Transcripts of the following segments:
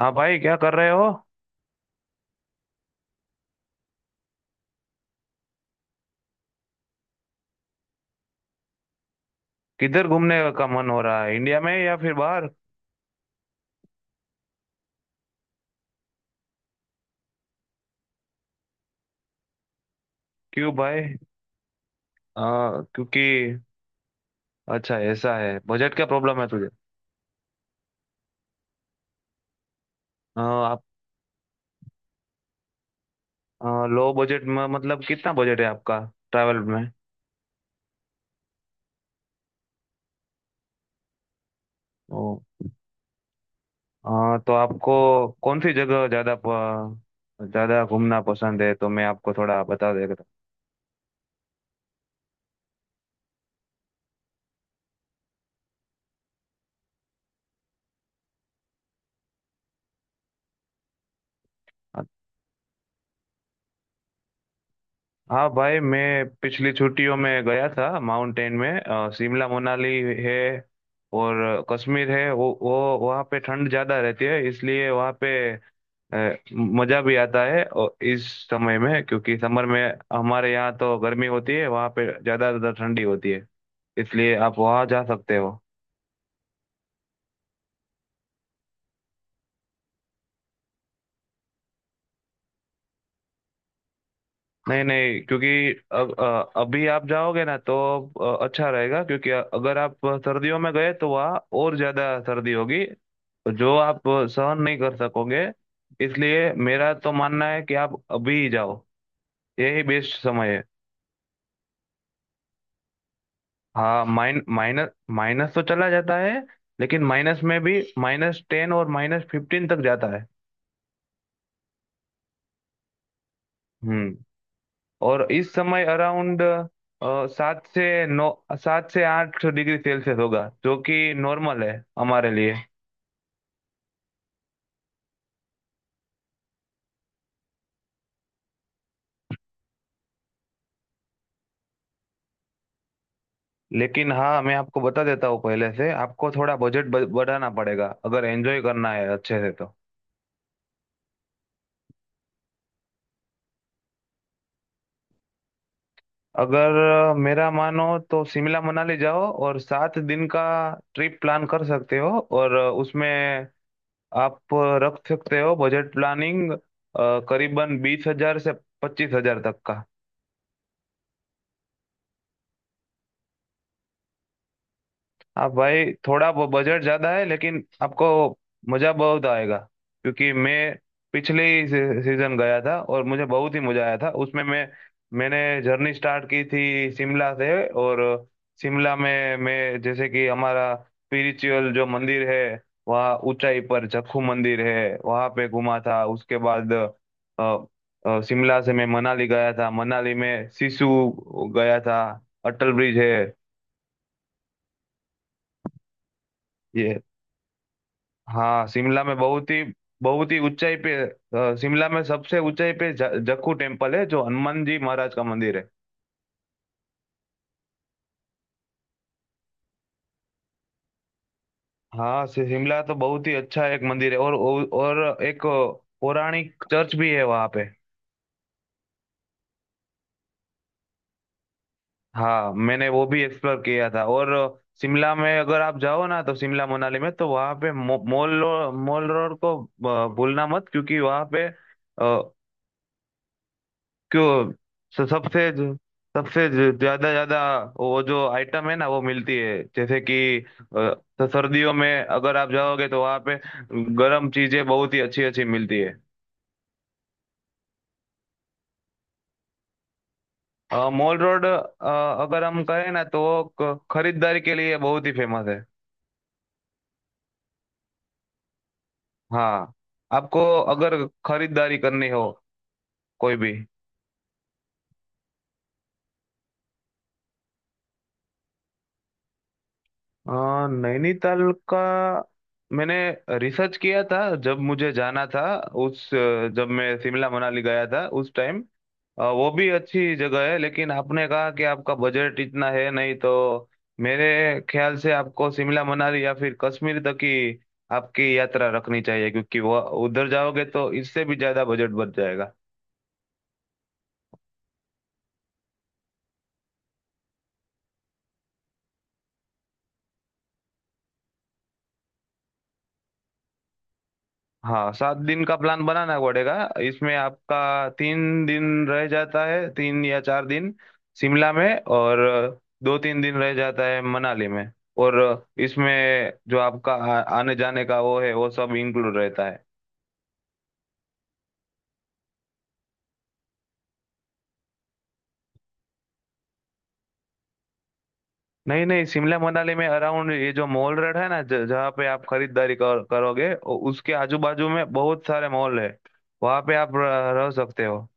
हाँ भाई, क्या कर रहे हो? किधर घूमने का मन हो रहा है, इंडिया में या फिर बाहर? क्यों भाई? क्योंकि। अच्छा, ऐसा है? बजट क्या प्रॉब्लम है तुझे? आप। लो बजट में मतलब कितना बजट है आपका, ट्रैवल में? ओ। तो आपको कौन सी जगह ज्यादा ज्यादा घूमना पसंद है, तो मैं आपको थोड़ा बता देगा। हाँ भाई, मैं पिछली छुट्टियों में गया था माउंटेन में, शिमला मनाली है। और कश्मीर है, वो वहाँ पे ठंड ज़्यादा रहती है, इसलिए वहाँ पे अ, मज़ा भी आता है। और इस समय में, क्योंकि समर में हमारे यहाँ तो गर्मी होती है, वहाँ पे ज़्यादा ज़्यादा ठंडी होती है। इसलिए आप वहाँ जा सकते हो। नहीं नहीं, क्योंकि अब अभी आप जाओगे ना, तो अच्छा रहेगा, क्योंकि अगर आप सर्दियों में गए तो वहाँ और ज्यादा सर्दी होगी, जो आप सहन नहीं कर सकोगे। इसलिए मेरा तो मानना है कि आप अभी ही जाओ, यही बेस्ट समय है। हाँ, माइनस तो चला जाता है। लेकिन माइनस में भी -10 और -15 तक जाता है। हम्म। और इस समय अराउंड सात से नौ 7 से 8 डिग्री सेल्सियस होगा, जो कि नॉर्मल है हमारे लिए। लेकिन हाँ, मैं आपको बता देता हूँ, पहले से आपको थोड़ा बजट बढ़ाना पड़ेगा, अगर एंजॉय करना है अच्छे से तो। अगर मेरा मानो तो शिमला मनाली जाओ, और 7 दिन का ट्रिप प्लान कर सकते हो। और उसमें आप रख सकते हो बजट प्लानिंग, करीबन 20,000 से 25,000 तक का। आप भाई, थोड़ा बजट ज्यादा है, लेकिन आपको मजा बहुत आएगा। क्योंकि मैं पिछले ही सीजन गया था, और मुझे बहुत ही मजा आया था उसमें। मैंने जर्नी स्टार्ट की थी शिमला से, और शिमला में मैं, जैसे कि हमारा स्पिरिचुअल जो मंदिर है, वहाँ ऊंचाई पर जखू मंदिर है, वहाँ पे घूमा था। उसके बाद शिमला से मैं मनाली गया था, मनाली में सिसु गया था, अटल ब्रिज है। ये। हाँ, शिमला में बहुत ही ऊंचाई पे, शिमला में सबसे ऊंचाई पे जक्खू टेम्पल है, जो हनुमान जी महाराज का मंदिर है। हाँ, शिमला तो बहुत ही अच्छा एक मंदिर है, और और एक पौराणिक चर्च भी है वहाँ पे। हाँ, मैंने वो भी एक्सप्लोर किया था। और शिमला में अगर आप जाओ ना, तो शिमला मनाली में, तो वहाँ पे मॉल रोड को भूलना मत, क्योंकि वहाँ पे— क्यों? स- सबसे जो- सबसे जो ज्यादा ज्यादा वो जो आइटम है ना वो मिलती है, जैसे कि अ, तो सर्दियों में अगर आप जाओगे, तो वहाँ पे गर्म चीजें बहुत ही अच्छी अच्छी मिलती है। मॉल रोड, अगर हम कहें ना, तो वो खरीदारी के लिए बहुत ही फेमस है। हाँ, आपको अगर खरीदारी करनी हो कोई भी। अ, नैनीताल का मैंने रिसर्च किया था, जब मुझे जाना था। उस, जब मैं शिमला मनाली गया था उस टाइम, वो भी अच्छी जगह है, लेकिन आपने कहा कि आपका बजट इतना है नहीं, तो मेरे ख्याल से आपको शिमला मनाली या फिर कश्मीर तक की आपकी यात्रा रखनी चाहिए, क्योंकि वो उधर जाओगे तो इससे भी ज्यादा बजट बच जाएगा। हाँ, 7 दिन का प्लान बनाना पड़ेगा। इसमें आपका 3 दिन रह जाता है, 3 या 4 दिन शिमला में, और 2-3 दिन रह जाता है मनाली में। और इसमें जो आपका आने जाने का वो है, वो सब इंक्लूड रहता है। नहीं नहीं, शिमला मनाली में अराउंड ये जो मॉल रोड है ना, जहाँ पे आप खरीदारी करोगे, उसके आजू बाजू में बहुत सारे मॉल है, वहाँ पे आप रह सकते हो।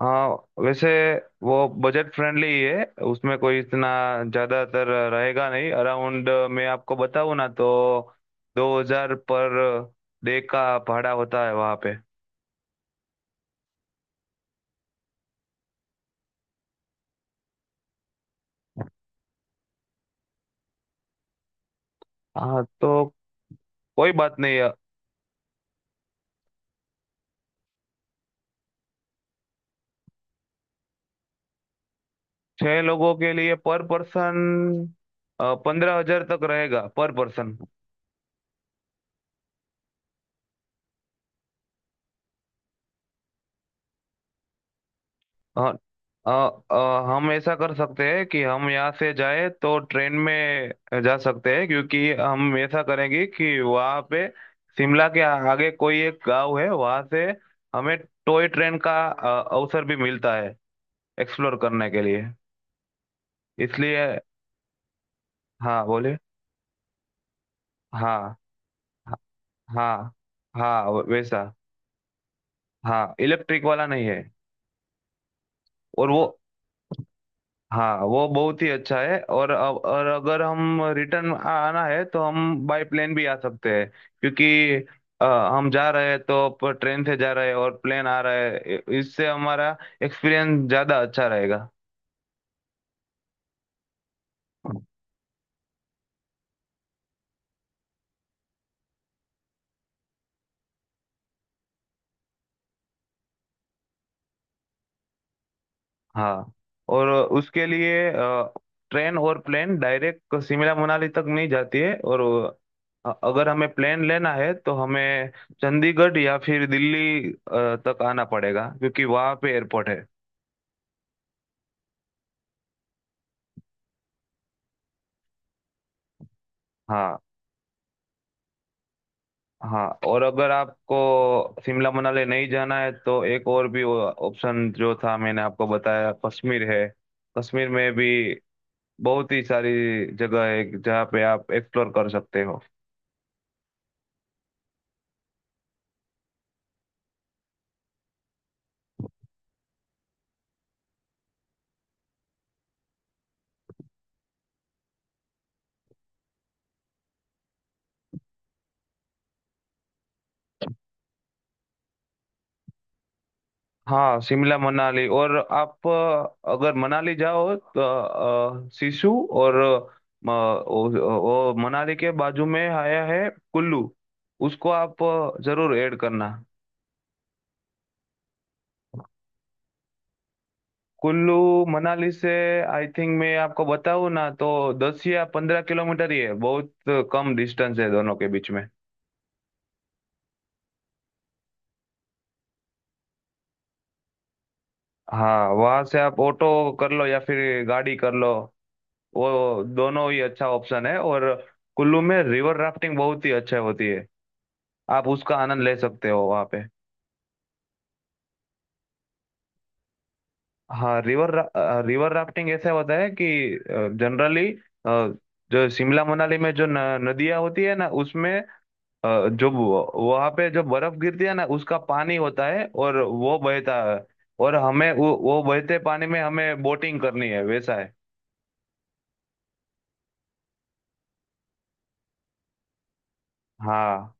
हाँ, वैसे वो बजट फ्रेंडली ही है, उसमें कोई इतना ज्यादातर रहेगा नहीं। अराउंड, मैं आपको बताऊँ ना तो 2,000 पर डे का भाड़ा होता है वहाँ पे। हाँ तो, कोई बात नहीं है। छह लोगों के लिए पर पर्सन 15,000 तक रहेगा पर पर्सन। अ, अ, अ, हम ऐसा कर सकते हैं कि हम यहाँ से जाए तो ट्रेन में जा सकते हैं, क्योंकि हम ऐसा करेंगे कि वहाँ पे शिमला के आगे कोई एक गांव है, वहाँ से हमें टॉय ट्रेन का अवसर भी मिलता है, एक्सप्लोर करने के लिए। इसलिए। हाँ बोले। हाँ, हाँ, हाँ। हाँ वैसा। हाँ, इलेक्ट्रिक वाला नहीं है। और वो, हाँ, वो बहुत ही अच्छा है, और और अगर हम रिटर्न आना है, तो हम बाय प्लेन भी आ सकते हैं। क्योंकि अ, हम जा रहे हैं तो ट्रेन से जा रहे हैं और प्लेन आ रहा है, इससे हमारा एक्सपीरियंस ज़्यादा अच्छा रहेगा। हाँ, और उसके लिए ट्रेन और प्लेन डायरेक्ट शिमला मनाली तक नहीं जाती है, और अगर हमें प्लेन लेना है तो हमें चंडीगढ़ या फिर दिल्ली तक आना पड़ेगा, क्योंकि वहाँ पे एयरपोर्ट है। हाँ, हाँ, और अगर आपको शिमला मनाली नहीं जाना है, तो एक और भी ऑप्शन जो था मैंने आपको बताया कश्मीर है। कश्मीर में भी बहुत ही सारी जगह है, जहाँ पे आप एक्सप्लोर कर सकते हो। हाँ, शिमला मनाली। और आप, अगर मनाली जाओ, तो सिसु और मनाली के बाजू में आया है कुल्लू, उसको आप जरूर ऐड करना। कुल्लू मनाली से, आई थिंक, मैं आपको बताऊँ ना तो 10 या 15 किलोमीटर ही है, बहुत कम डिस्टेंस है दोनों के बीच में। हाँ, वहां से आप ऑटो कर लो या फिर गाड़ी कर लो, वो दोनों ही अच्छा ऑप्शन है। और कुल्लू में रिवर राफ्टिंग बहुत ही अच्छा होती है, आप उसका आनंद ले सकते हो वहाँ पे। हाँ, रिवर रिवर राफ्टिंग ऐसा होता है कि जनरली जो शिमला मनाली में जो न, नदियाँ होती है ना, उसमें जो वहां पे जो बर्फ गिरती है ना, उसका पानी होता है और वो बहता है, और हमें वो बहते पानी में हमें बोटिंग करनी है, वैसा है। हाँ,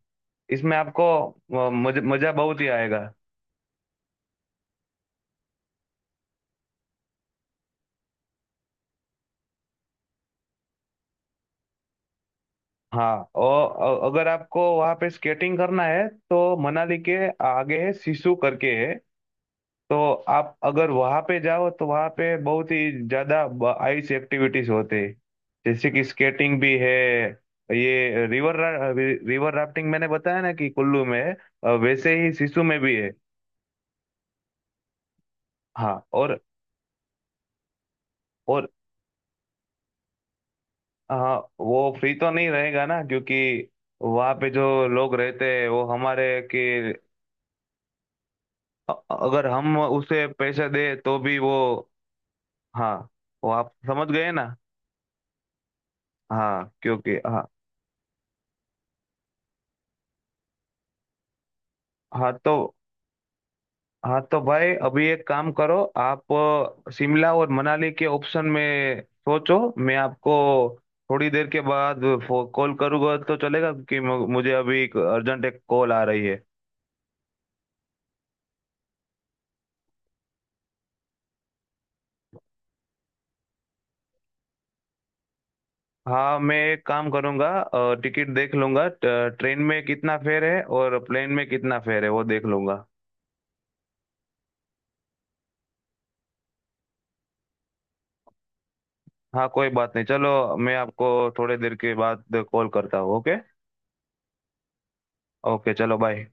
इसमें आपको मजा बहुत ही आएगा। हाँ, और अगर आपको वहाँ पे स्केटिंग करना है, तो मनाली के आगे सिसु करके है, तो आप अगर वहां पे जाओ तो वहां पे बहुत ही ज्यादा आइस एक्टिविटीज होते हैं। जैसे कि स्केटिंग भी है, ये रिवर रिवर राफ्टिंग मैंने बताया ना कि कुल्लू में है, वैसे ही सिसु में भी है। हाँ और। हाँ, वो फ्री तो नहीं रहेगा ना, क्योंकि वहाँ पे जो लोग रहते हैं वो हमारे के, अ- अगर हम उसे पैसे दे तो भी वो। हाँ, वो आप समझ गए ना। हाँ, क्योंकि हाँ। हाँ तो, हाँ तो भाई, अभी एक काम करो आप, शिमला और मनाली के ऑप्शन में सोचो। मैं आपको थोड़ी देर के बाद कॉल करूँगा, तो चलेगा? कि मुझे अभी एक अर्जेंट एक कॉल आ रही है। हाँ, मैं एक काम करूँगा, टिकट देख लूंगा, ट्रेन में कितना फेयर है और प्लेन में कितना फेयर है, वो देख लूंगा। हाँ, कोई बात नहीं, चलो मैं आपको थोड़ी देर के बाद कॉल करता हूँ, ओके। ओके, चलो, बाय।